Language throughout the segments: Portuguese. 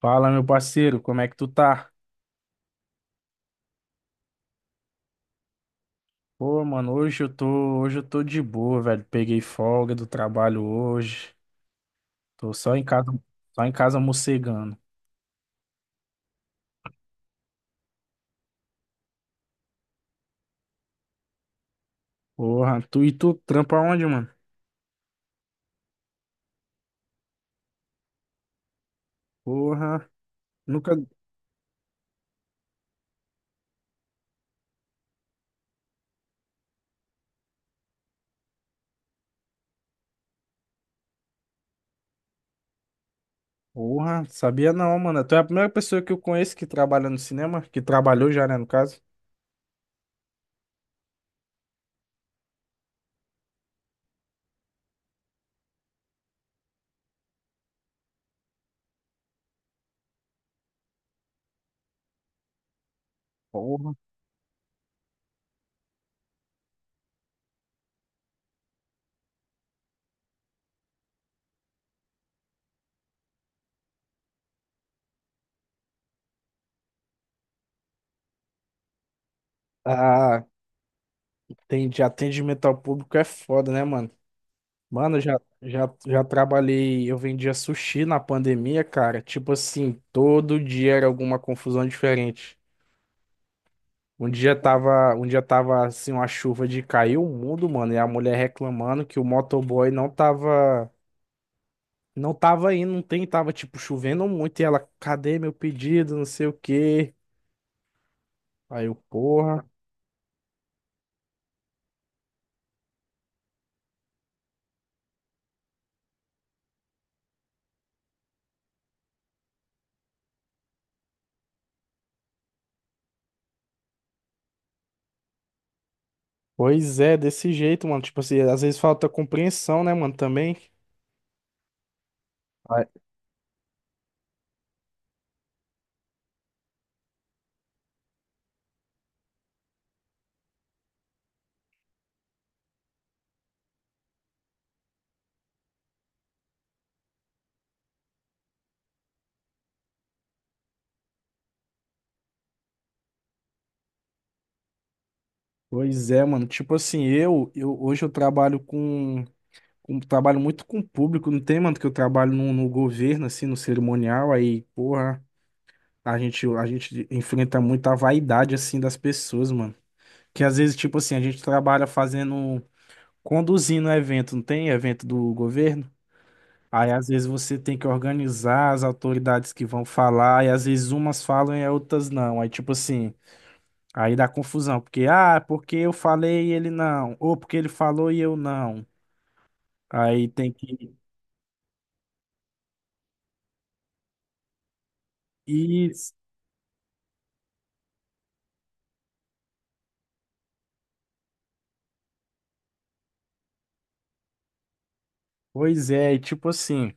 Fala, meu parceiro, como é que tu tá? Pô, mano, hoje eu tô de boa, velho. Peguei folga do trabalho hoje. Tô só em casa mocegando. Porra, tu trampa onde, mano? Porra, nunca, porra, sabia não, mano. Tu é a primeira pessoa que eu conheço que trabalha no cinema, que trabalhou já, né, no caso. Porra. Ah, tem de atendimento ao público é foda, né, mano? Mano, já trabalhei, eu vendia sushi na pandemia, cara. Tipo assim, todo dia era alguma confusão diferente. Um dia tava assim, uma chuva de cair o mundo, mano, e a mulher reclamando que o motoboy não tava indo, não tem, tava tipo chovendo muito e ela, cadê meu pedido, não sei o quê. Aí eu, porra. Pois é, desse jeito, mano. Tipo assim, às vezes falta compreensão, né, mano, também. Aí- Pois é, mano. Tipo assim, eu hoje eu trabalho trabalho muito com o público, não tem, mano, que eu trabalho no, no governo, assim, no cerimonial, aí, porra, a gente enfrenta muito a vaidade, assim, das pessoas, mano. Que às vezes, tipo assim, a gente trabalha fazendo, conduzindo evento, não tem evento do governo? Aí, às vezes, você tem que organizar as autoridades que vão falar, e às vezes umas falam e outras não. Aí, tipo assim, aí dá confusão, porque, ah, porque eu falei e ele não, ou porque ele falou e eu não. Aí tem que ir. Pois é, e tipo assim,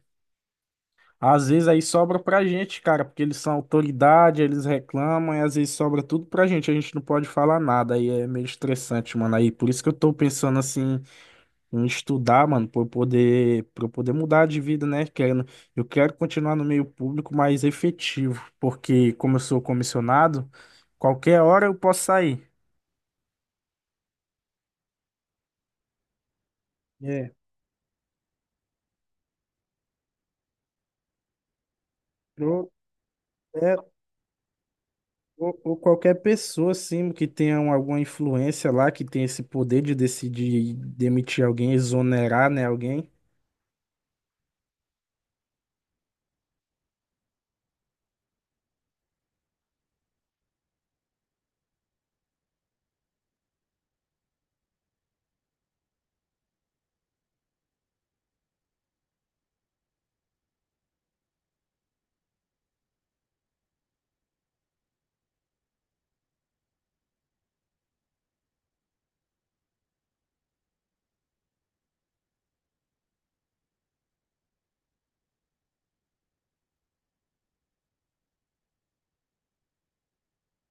às vezes aí sobra pra gente, cara, porque eles são autoridade, eles reclamam, e às vezes sobra tudo pra gente, a gente não pode falar nada, aí é meio estressante, mano. Aí por isso que eu tô pensando assim em estudar, mano, pra eu poder mudar de vida, né? Querendo, eu quero continuar no meio público mais efetivo, porque como eu sou comissionado, qualquer hora eu posso sair. É, pro- é, ou qualquer pessoa, assim, que tenha um- alguma influência lá, que tenha esse poder de decidir demitir alguém, exonerar, né, alguém.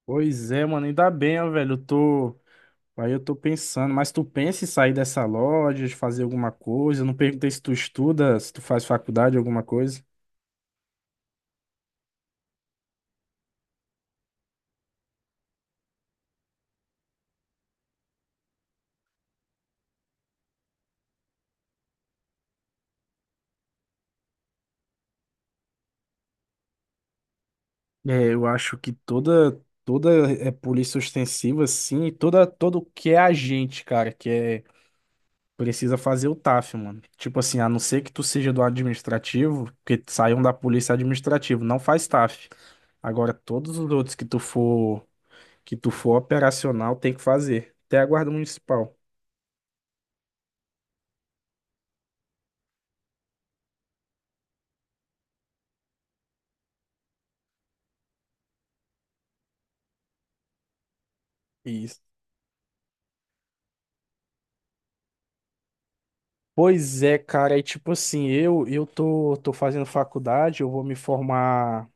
Pois é, mano, ainda bem, ó, velho, eu tô... Aí eu tô pensando, mas tu pensa em sair dessa loja, de fazer alguma coisa? Eu não perguntei se tu estuda, se tu faz faculdade, alguma coisa. É, eu acho que toda é polícia ostensiva, assim, e toda todo que é agente, cara, que é precisa fazer o TAF, mano. Tipo assim, a não ser que tu seja do administrativo, que saiam da polícia administrativa, não faz TAF. Agora, todos os outros que tu for operacional, tem que fazer. Até a guarda municipal. Isso. Pois é, cara, e tipo assim, tô fazendo faculdade,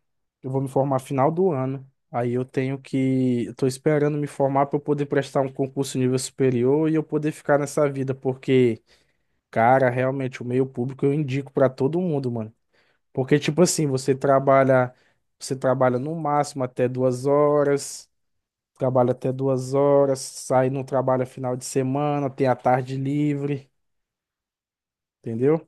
eu vou me formar final do ano. Aí eu tenho que, eu tô esperando me formar para eu poder prestar um concurso nível superior e eu poder ficar nessa vida, porque cara, realmente, o meio público eu indico pra todo mundo, mano. Porque, tipo assim, você trabalha no máximo até duas horas, trabalha até duas horas, sai no trabalho final de semana, tem a tarde livre, entendeu?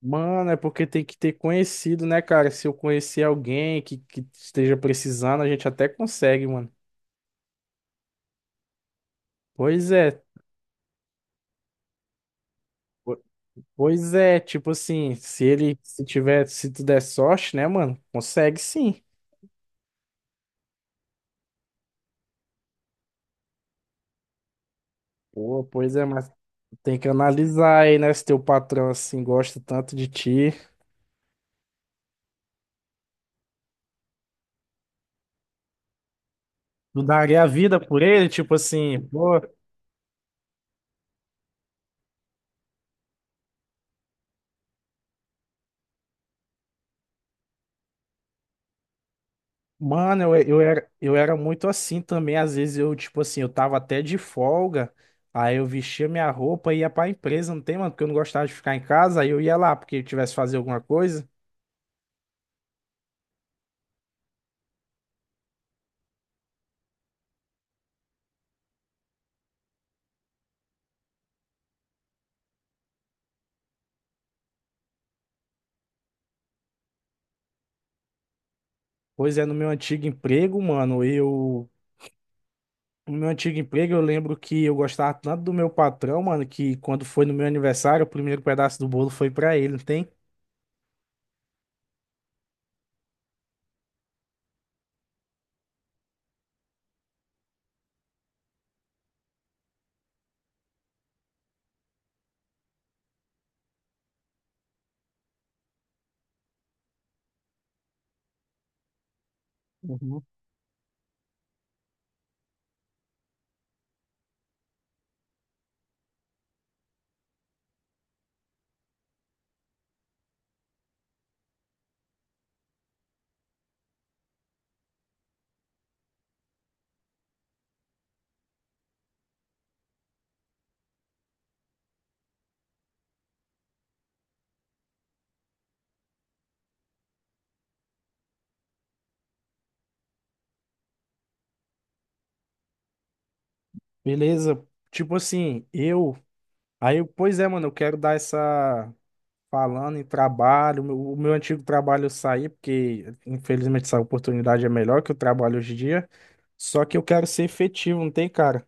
Mano, é porque tem que ter conhecido, né, cara? Se eu conhecer alguém que esteja precisando, a gente até consegue, mano. Pois é, po- pois é, tipo assim, se tiver, se tu der sorte, né, mano? Consegue sim. Pô, pois é, mas tem que analisar aí, né? Se teu patrão, assim, gosta tanto de ti. Tu daria a vida por ele, tipo assim, pô. Mano, eu era muito assim também. Às vezes eu, tipo assim, eu tava até de folga. Aí eu vestia minha roupa e ia pra empresa, não tem, mano? Porque eu não gostava de ficar em casa. Aí eu ia lá, porque eu tivesse que fazer alguma coisa. Pois é, no meu antigo emprego, mano, eu. No meu antigo emprego, eu lembro que eu gostava tanto do meu patrão, mano, que quando foi no meu aniversário, o primeiro pedaço do bolo foi pra ele, não tem? Uhum. Beleza? Tipo assim, eu. Aí, eu, pois é, mano, eu quero dar essa. Falando em trabalho, o meu antigo trabalho eu saí, porque infelizmente essa oportunidade é melhor que o trabalho hoje em dia. Só que eu quero ser efetivo, não tem, cara?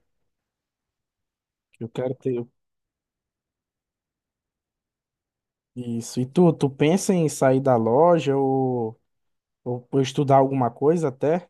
Eu quero ter isso. E tu, tu pensa em sair da loja ou, ou estudar alguma coisa até?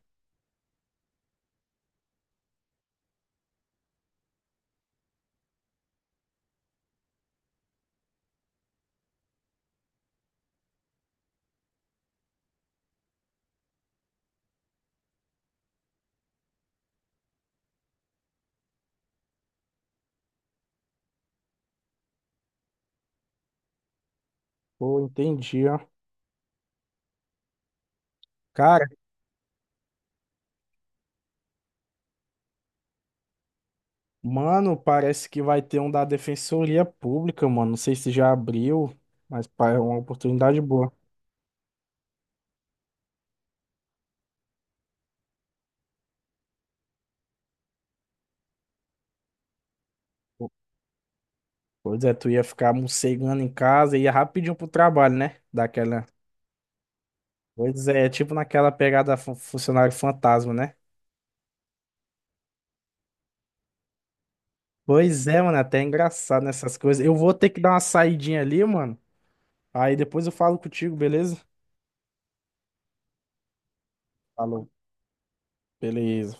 Pô, entendi, ó. Cara, mano, parece que vai ter um da Defensoria Pública, mano. Não sei se já abriu, mas pá, é uma oportunidade boa. Pois é, tu ia ficar morcegando em casa e ia rapidinho pro trabalho, né? Daquela. Pois é, é tipo naquela pegada funcionário fantasma, né? Pois é, mano, até é engraçado nessas coisas. Eu vou ter que dar uma saidinha ali, mano. Aí depois eu falo contigo, beleza? Falou. Beleza.